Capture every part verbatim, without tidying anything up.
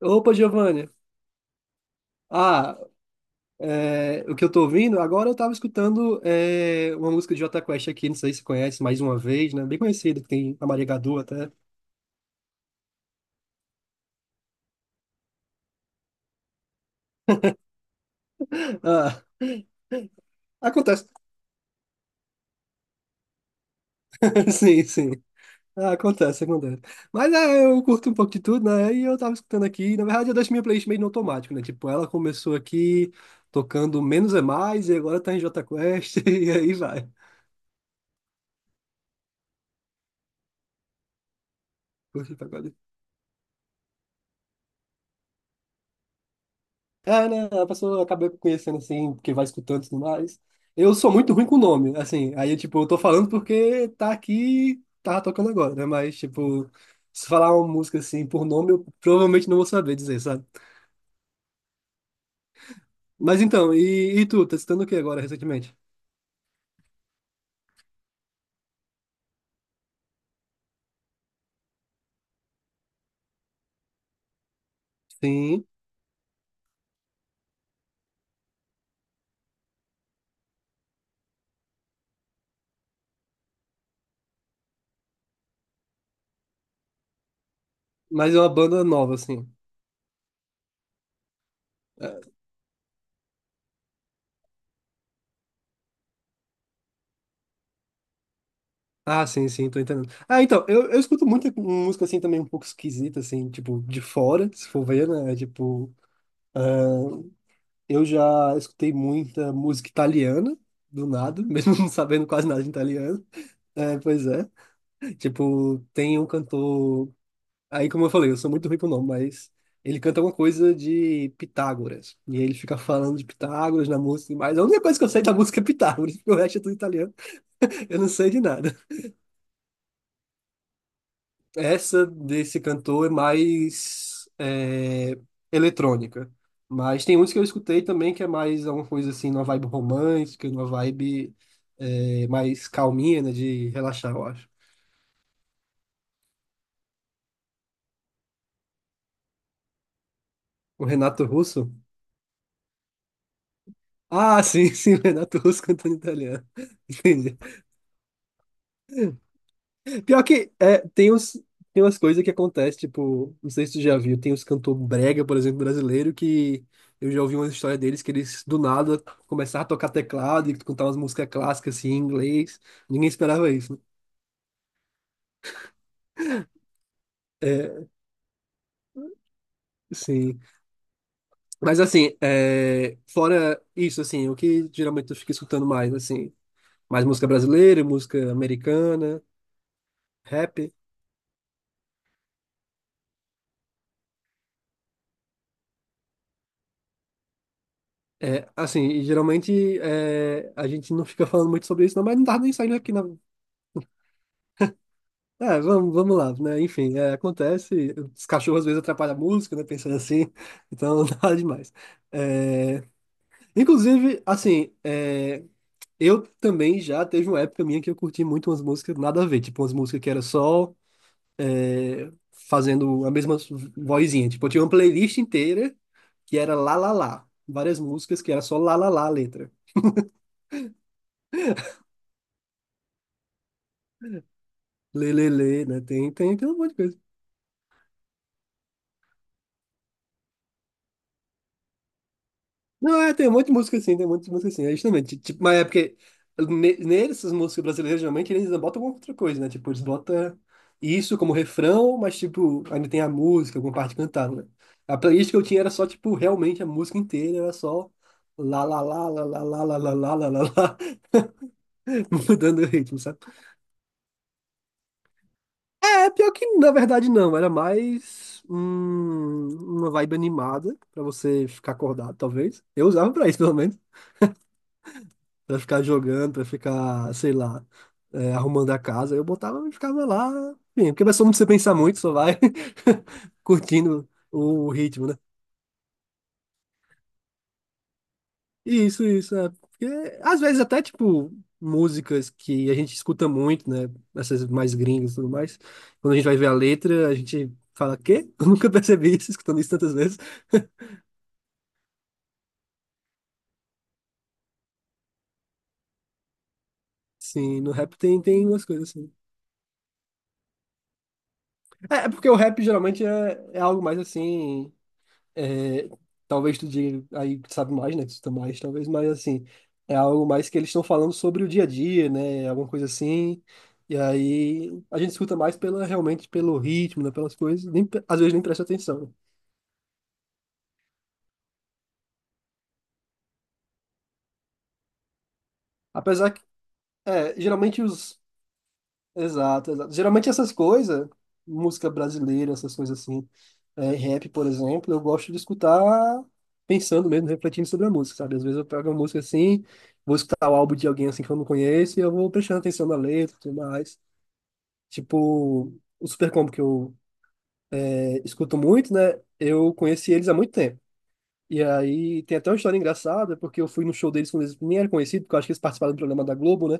Opa, Giovanni. Ah, é, o que eu tô ouvindo, agora eu tava escutando é, uma música de Jota Quest aqui, não sei se você conhece, mais uma vez, né? Bem conhecida, que tem a Maria Gadu até. Ah, acontece. Sim, sim. Ah, acontece, acontece. Mas é, eu curto um pouco de tudo, né? E eu tava escutando aqui, na verdade eu deixo minha playlist meio no automático, né? Tipo, ela começou aqui tocando Menos é Mais e agora tá em Jota Quest e aí vai. Curte pra caralho. É, né? A pessoa acaba conhecendo assim, porque vai escutando e tudo mais. Eu sou muito ruim com nome, assim. Aí, tipo, eu tô falando porque tá aqui, tá tocando agora, né? Mas, tipo, se falar uma música assim por nome, eu provavelmente não vou saber dizer, sabe? Mas então, e, e tu, tá escutando o que agora recentemente? Sim, mas é uma banda nova, assim. É, ah, sim, sim, tô entendendo. Ah, então, eu, eu escuto muita música assim também um pouco esquisita, assim, tipo, de fora, se for ver, né? é, Tipo. Eu já escutei muita música italiana, do nada, mesmo não sabendo quase nada de italiano. É, pois é. Tipo, tem um cantor. Aí, como eu falei, eu sou muito ruim pro nome, mas ele canta alguma coisa de Pitágoras. E aí ele fica falando de Pitágoras na música, mas a única coisa que eu sei da música é Pitágoras, porque o resto é tudo italiano, eu não sei de nada. Essa desse cantor é mais é, eletrônica. Mas tem uns que eu escutei também que é mais uma coisa assim, uma vibe romântica, uma vibe é, mais calminha, né, de relaxar, eu acho. O Renato Russo? Ah, sim, sim, o Renato Russo cantando italiano. Entendi. Pior que é, tem uns, tem umas coisas que acontecem, tipo, não sei se tu já viu, tem uns cantor brega, por exemplo, brasileiro, que eu já ouvi uma história deles que eles do nada começaram a tocar teclado e cantar umas músicas clássicas assim, em inglês. Ninguém esperava isso, né? É, sim. Mas assim, é, fora isso, assim, o que geralmente eu fico escutando mais, assim, mais música brasileira, música americana, rap. É, assim, e geralmente é, a gente não fica falando muito sobre isso, não, mas não tá nem saindo aqui na. É, vamos, vamos lá, né? Enfim, é, acontece. Os cachorros às vezes atrapalham a música, né? Pensando assim, então nada demais. É, inclusive, assim, é, eu também já teve uma época minha que eu curti muito umas músicas nada a ver, tipo umas músicas que era só é, fazendo a mesma vozinha. Tipo, eu tinha uma playlist inteira que era lá lá lá, várias músicas que era só lá lá lá a letra. Lê, lê, lê, né? Tem, tem, tem um monte de coisa. Não, é, tem um monte de música assim, tem muitas músicas assim, é justamente, tipo, mas é porque ne- nessas músicas brasileiras, geralmente, eles ainda botam alguma outra coisa, né, tipo, eles botam isso como refrão, mas, tipo, ainda tem a música, alguma parte cantada, né? A playlist que eu tinha era só, tipo, realmente a música inteira, era só lá, lá, lá, lá, lá, lá, lá, lá, lá, lá, lá, lá, mudando o ritmo, sabe? É, pior que, na verdade, não, era mais hum, uma vibe animada, pra você ficar acordado, talvez, eu usava pra isso, pelo menos. Pra ficar jogando, pra ficar, sei lá, é, arrumando a casa. Eu botava e ficava lá, enfim, porque vai só não precisa pensar muito, só vai curtindo o ritmo, né? Isso, isso, é. Porque às vezes até, tipo, músicas que a gente escuta muito, né? Essas mais gringas e tudo mais. Quando a gente vai ver a letra, a gente fala, quê? Eu nunca percebi isso, escutando isso tantas vezes. Sim, no rap tem, tem umas coisas assim. É, é porque o rap geralmente é, é algo mais assim. É, talvez tu diga aí que sabe mais, né? Que tu tá mais, talvez, mas assim, é algo mais que eles estão falando sobre o dia a dia, né? Alguma coisa assim. E aí a gente escuta mais pela, realmente pelo ritmo, né? Pelas coisas, nem, às vezes nem presta atenção, né? Apesar que, é, geralmente os. Exato, exato. Geralmente essas coisas, música brasileira, essas coisas assim. É, rap, por exemplo, eu gosto de escutar pensando mesmo, refletindo sobre a música, sabe? Às vezes eu pego uma música assim, vou escutar o álbum de alguém assim que eu não conheço e eu vou prestando atenção na letra e tudo mais. Tipo, o Super Combo que eu é, escuto muito, né? Eu conheci eles há muito tempo. E aí tem até uma história engraçada, porque eu fui no show deles quando eles nem eram conhecidos, porque eu acho que eles participaram do programa da Globo, né?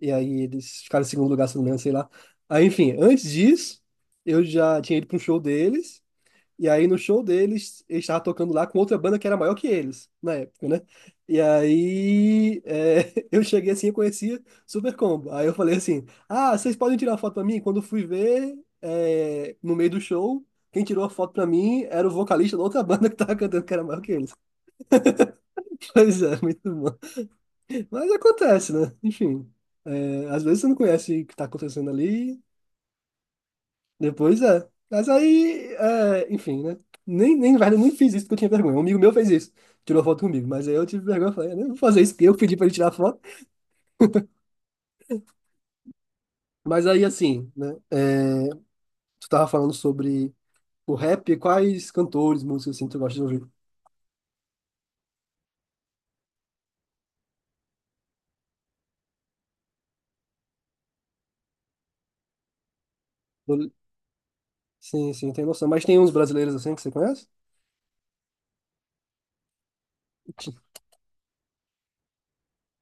E aí eles ficaram em segundo lugar, se não me engano, sei lá. Aí, enfim, antes disso, eu já tinha ido para um show deles. E aí no show deles, ele estava tocando lá com outra banda que era maior que eles, na época, né? E aí é, eu cheguei assim, eu conhecia Super Combo. Aí eu falei assim, ah, vocês podem tirar uma foto pra mim? Quando eu fui ver, é, no meio do show, quem tirou a foto pra mim era o vocalista da outra banda que tava cantando que era maior que eles. Pois é, muito bom. Mas acontece, né? Enfim, é, às vezes você não conhece o que tá acontecendo ali. Depois é. Mas aí, é, enfim, né? Nem, nem, na verdade, eu nem fiz isso porque eu tinha vergonha. Um amigo meu fez isso. Tirou foto comigo. Mas aí eu tive vergonha. eu Falei, eu não vou fazer isso porque eu pedi pra ele tirar foto. Mas aí, assim, né? É, tu tava falando sobre o rap. Quais cantores, músicos, assim, tu gosta de ouvir? Eu- Sim, sim, tem noção. Mas tem uns brasileiros, assim, que você conhece?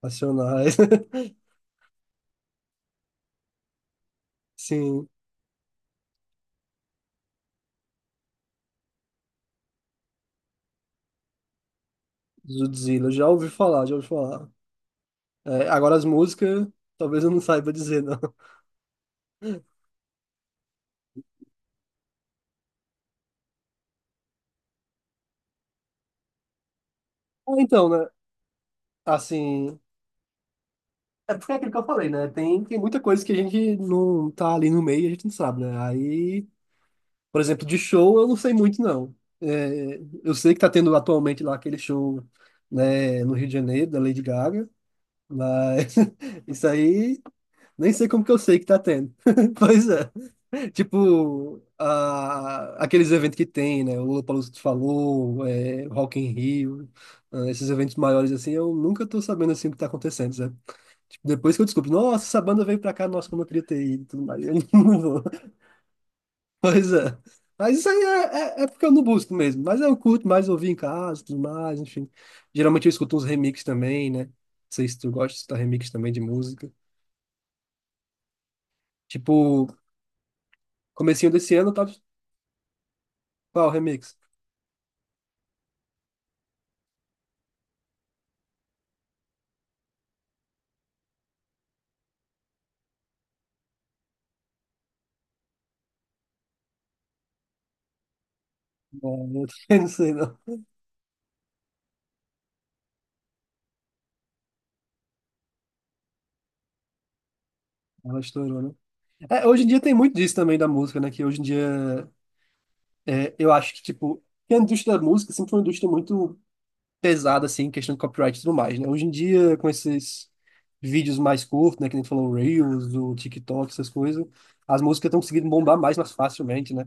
Racionais. Sim, Zudzilla. Já ouvi falar, já ouvi falar. É, agora as músicas, talvez eu não saiba dizer, não. Ah, então, né? Assim. É porque é aquilo que eu falei, né? Tem, tem muita coisa que a gente não tá ali no meio e a gente não sabe, né? Aí, por exemplo, de show eu não sei muito, não. É, eu sei que tá tendo atualmente lá aquele show, né, no Rio de Janeiro, da Lady Gaga, mas isso aí nem sei como que eu sei que tá tendo. Pois é. Tipo, a, aqueles eventos que tem, né? O Lollapalooza que tu falou, é, Rock in Rio, ah, esses eventos maiores assim, eu nunca tô sabendo assim o que tá acontecendo. Tipo, depois que eu descubro, nossa, essa banda veio pra cá, nossa, como eu queria ter ido e tudo mais. Eu não vou. Pois é. Mas isso aí é, é, é porque eu não busco mesmo. Mas eu curto mais ouvir em casa e tudo mais, enfim. Geralmente eu escuto uns remix também, né? Não sei se tu gosta de escutar remix também de música. Tipo, comecinho desse ano, tava. Qual remix? Não, eu não sei, não. Ela estourou, né? É, hoje em dia tem muito disso também da música, né? Que hoje em dia é, eu acho que, tipo, que a indústria da música sempre foi uma indústria muito pesada, assim, em questão de copyright e tudo mais, né? Hoje em dia, com esses vídeos mais curtos, né? Que nem tu falou, o Reels, o TikTok, essas coisas, as músicas estão conseguindo bombar mais, mais facilmente, né?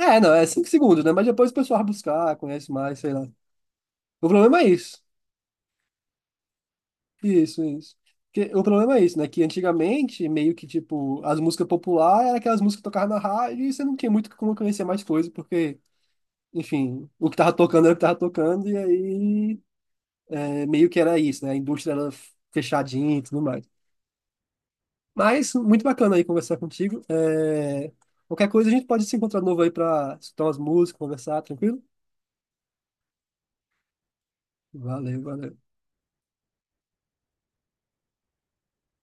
É, não, é cinco segundos, né? Mas depois o pessoal vai buscar, conhece mais, sei lá. O problema é isso. Isso, isso. Porque o problema é isso, né? Que antigamente, meio que, tipo, as músicas populares eram aquelas músicas que tocavam na rádio e você não tinha muito como conhecer mais coisa, porque, enfim, o que tava tocando era o que tava tocando, e aí é, meio que era isso, né? A indústria era fechadinha e tudo mais. Mas muito bacana aí conversar contigo. É, Qualquer coisa a gente pode se encontrar de novo aí para escutar umas músicas, conversar, tranquilo? Valeu, valeu.